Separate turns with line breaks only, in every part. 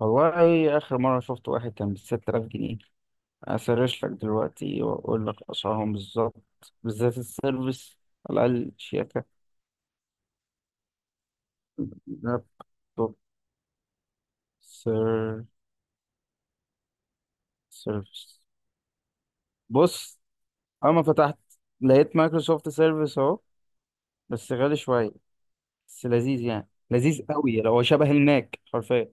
والله آخر مرة شفت واحد كان بستة آلاف جنيه. أسرش لك دلوقتي وأقول لك أسعارهم بالظبط، بالذات السيرفيس، على الأقل شياكة لابتوب. سير سيرفيس. بص، أما فتحت لقيت مايكروسوفت سيرفيس أهو. بس غالي شوية، بس لذيذ يعني لذيذ قوي، لو هو شبه الماك حرفيا.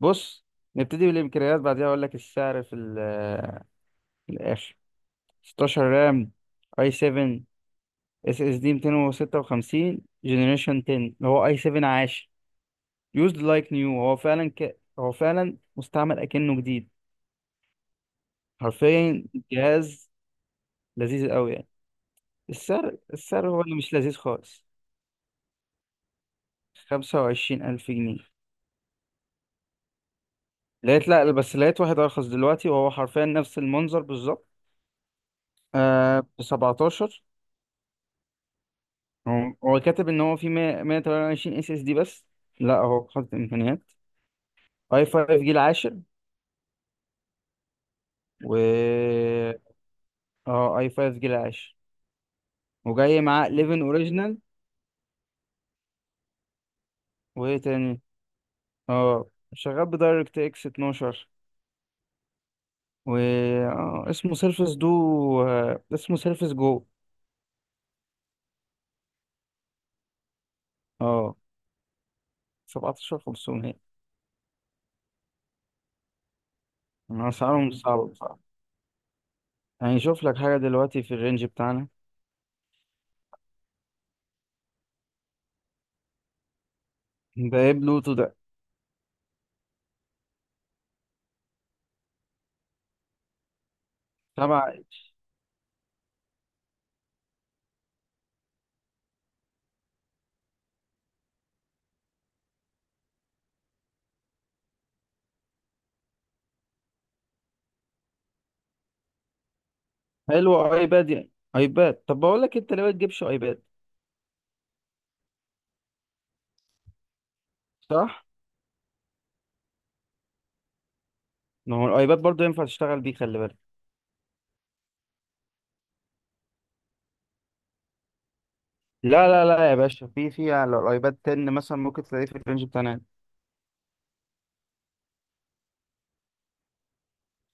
بص، نبتدي بالإمكانيات بعدها أقول لك السعر في الآخر. 16 رام، اي 7، اس اس دي 256، جنريشن 10 اللي هو اي 7 عاشر. يوزد لايك نيو، هو فعلا هو فعلا مستعمل اكنه جديد حرفيا. جهاز لذيذ قوي يعني. السعر هو اللي مش لذيذ خالص. 25000 جنيه. لقيت، لا، بس لقيت واحد ارخص دلوقتي، وهو حرفيا نفس المنظر بالظبط. ب 17. هو كاتب ان هو في 100 128 اس اس دي بس. لا، هو خد امكانيات اي 5 جيل عاشر. و اه اي 5 جيل عاشر. وجاي معاه 11 اوريجينال. وايه تاني؟ اه، شغال بدايركت اكس 12. و اسمه سيرفس دو. اسمه سيرفس جو. اه، 17 500. انا اسعارهم صعبه بصراحه. يعني شوف لك حاجه دلوقتي في الرينج بتاعنا. ده ايه بلوتو ده؟ تبع. حلو، ايباد يعني ايباد. طب بقول لك، انت ليه ما تجيبش ايباد؟ صح. ما هو الايباد برضه ينفع تشتغل بيه، خلي بالك. لا لا لا يا باشا، في على الايباد 10 مثلا ممكن تلاقيه في الرينج بتاعنا.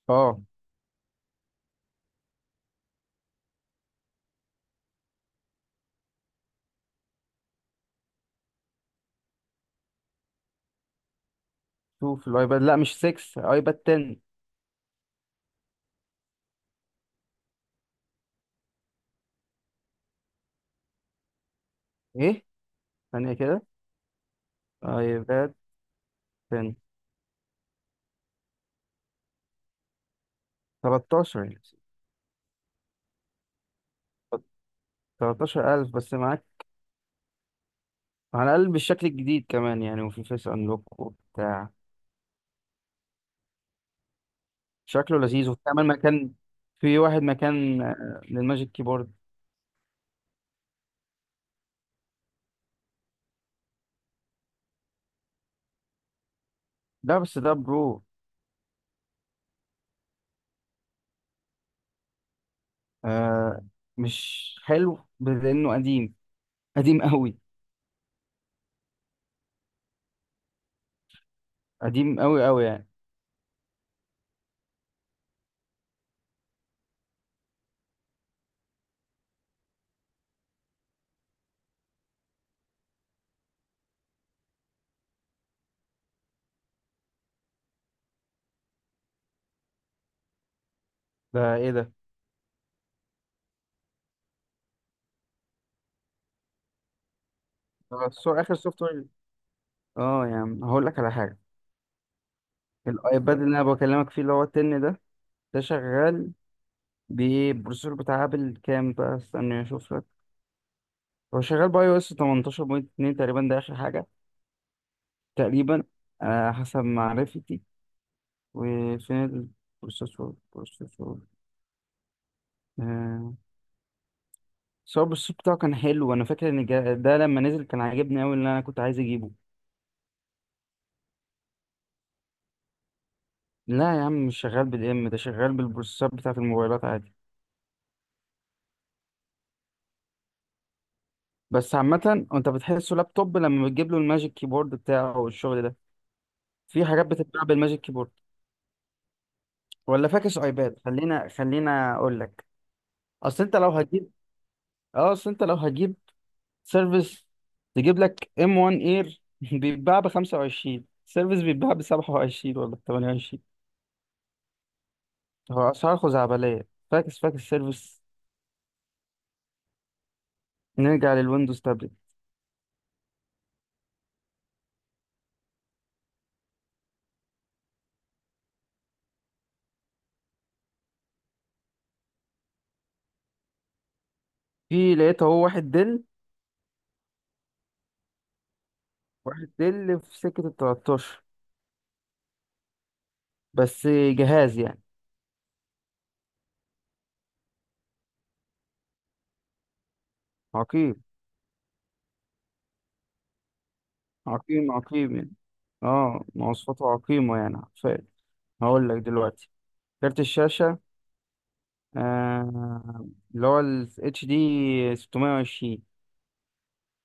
اه، 2 في الايباد، لا مش 6، ايباد 10. ايه، ثانية كده. ايباد 10. 13 يعني. 13000 بس معاك، على الاقل بالشكل الجديد كمان يعني، وفي فيس انلوك وبتاع. شكله لذيذ، وبتعمل مكان، في واحد مكان للماجيك كيبورد. لا، بس ده برو. آه مش حلو لانه قديم. قديم قوي. قديم قوي قوي يعني. ده ايه ده؟ ده اخر سوفت وير. اه يعني هقول لك على حاجه. الايباد اللي انا بكلمك فيه اللي هو 10 ده، ده شغال ببروسيسور بتاع ابل. كام بقى؟ استنى اشوف لك. هو شغال باي او اس 18.2 تقريبا. ده اخر حاجه تقريبا، حسب معرفتي. وفين البروسيسور؟ آه بس هو البروسيسور بتاعه كان حلو، انا فاكر ان ده لما نزل كان عاجبني قوي، اللي انا كنت عايز اجيبه. لا يا عم، مش شغال بالام، ده شغال بالبروسيسور بتاعه الموبايلات عادي. بس عامه انت بتحسه لابتوب لما بتجيب له الماجيك كيبورد بتاعه والشغل ده. في حاجات بتتباع بالماجيك كيبورد. ولا فاكس ايباد. خلينا اقول لك. اصل انت لو هتجيب اه اصل انت لو هتجيب سيرفيس، تجيب لك ام 1 اير. بيتباع ب 25، سيرفيس بيتباع ب 27 ولا ب 28. هو اسعار خزعبليه. فاكس فاكس سيرفيس. نرجع للويندوز تابلت. في لقيت اهو. واحد دل في سكه ال 13. بس جهاز يعني عقيم. عقيم عقيم يعني. اه، مواصفاته عقيمه يعني، فعلا. هقول لك دلوقتي، كارت الشاشه، آه اللي هو ال اتش دي 620.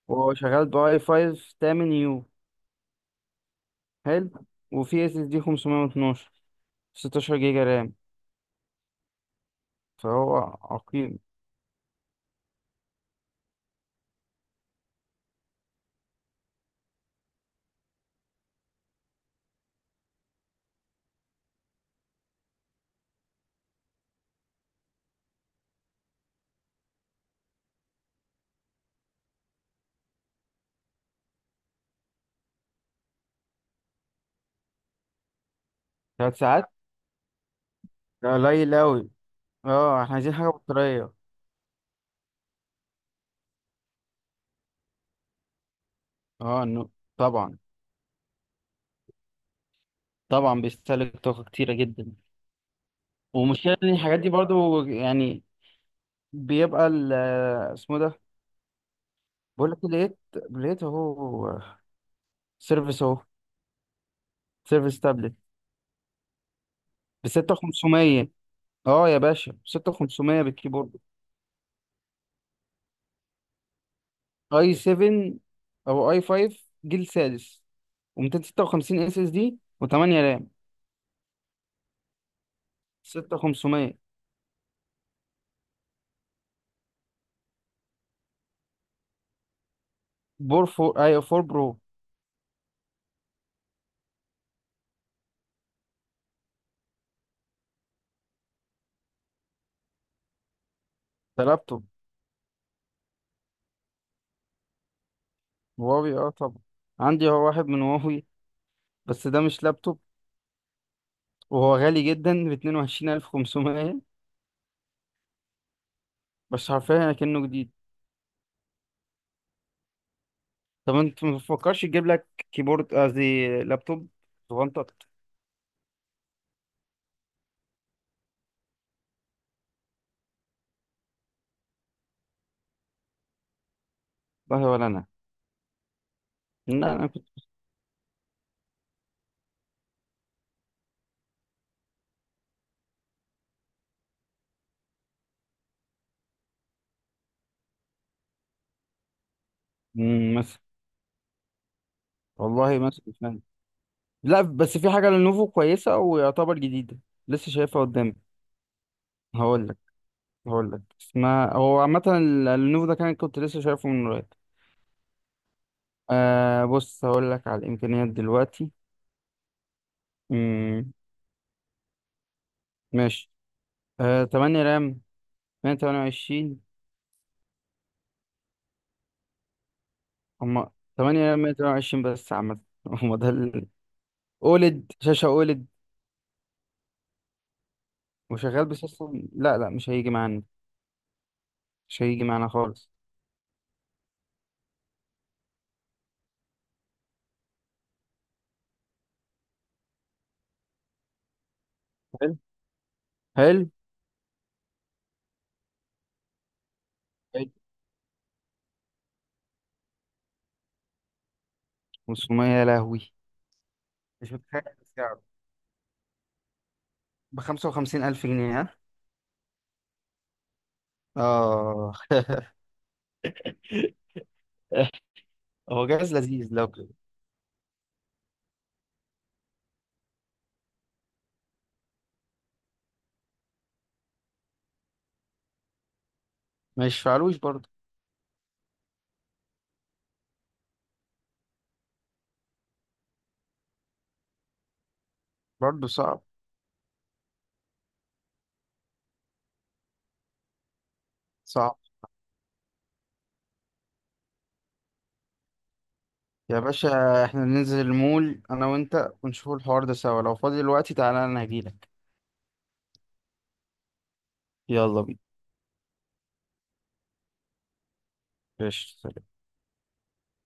وهو شغال بأي 5 8 يو، حلو. وفي اس اس دي 512، 16 جيجا رام، فهو عقيم. ثلاث ساعات ده قليل أوي. اه، احنا عايزين حاجة بطارية. اه إنه- طبعا، طبعا بيستهلك طاقة كتيرة جدا. ومشكلة إن الحاجات دي برضو يعني، بيبقى ال آه، اسمه ده. بقول لك لقيت اهو، سيرفيس اهو، سيرفيس تابلت ب 6500. اه يا باشا، 6500 بالكيبورد. اي 7 او اي 5 جيل سادس و256 اس اس دي و8 رام. 6500. بور فور اي 4 برو. ده لابتوب. هواوي، اه طبعا. عندي هو واحد من هواوي، بس ده مش لابتوب، وهو غالي جدا ب 22500. بس حرفيا كأنه جديد. طب انت ما بتفكرش تجيب لك كيبورد؟ قصدي لابتوب صغنطط. والله ولا انا. لا انا كنت. مم، مثلا. والله مثلا فعلا. لا، بس في حاجة للنوفو كويسة ويعتبر جديدة، لسه شايفها قدامي. هقول لك هقول لك اسمها. هو عامة اللينوفو ده كان كنت لسه شايفه من قريب. بص، هقول لك على الإمكانيات دلوقتي. مم. ماشي. 8 رام 128. هما 8 رام 128 بس عامة، هما ده ال أولد شاشة أولد. وشغال بسيستم، لا لا مش هيجي معانا. مش هيجي معانا خالص. حلو، حلو، حلو. 500 يا لهوي. مش متخيل سعره، ب 55000 جنيه، ها. اه. هو جهاز لذيذ لو. مش فعلوش برضه. برضه صعب، صعب. يا باشا، احنا ننزل المول انا وانت ونشوف الحوار ده سوا لو فاضي دلوقتي، تعالى انا هجيلك. يلا بينا. قشطة.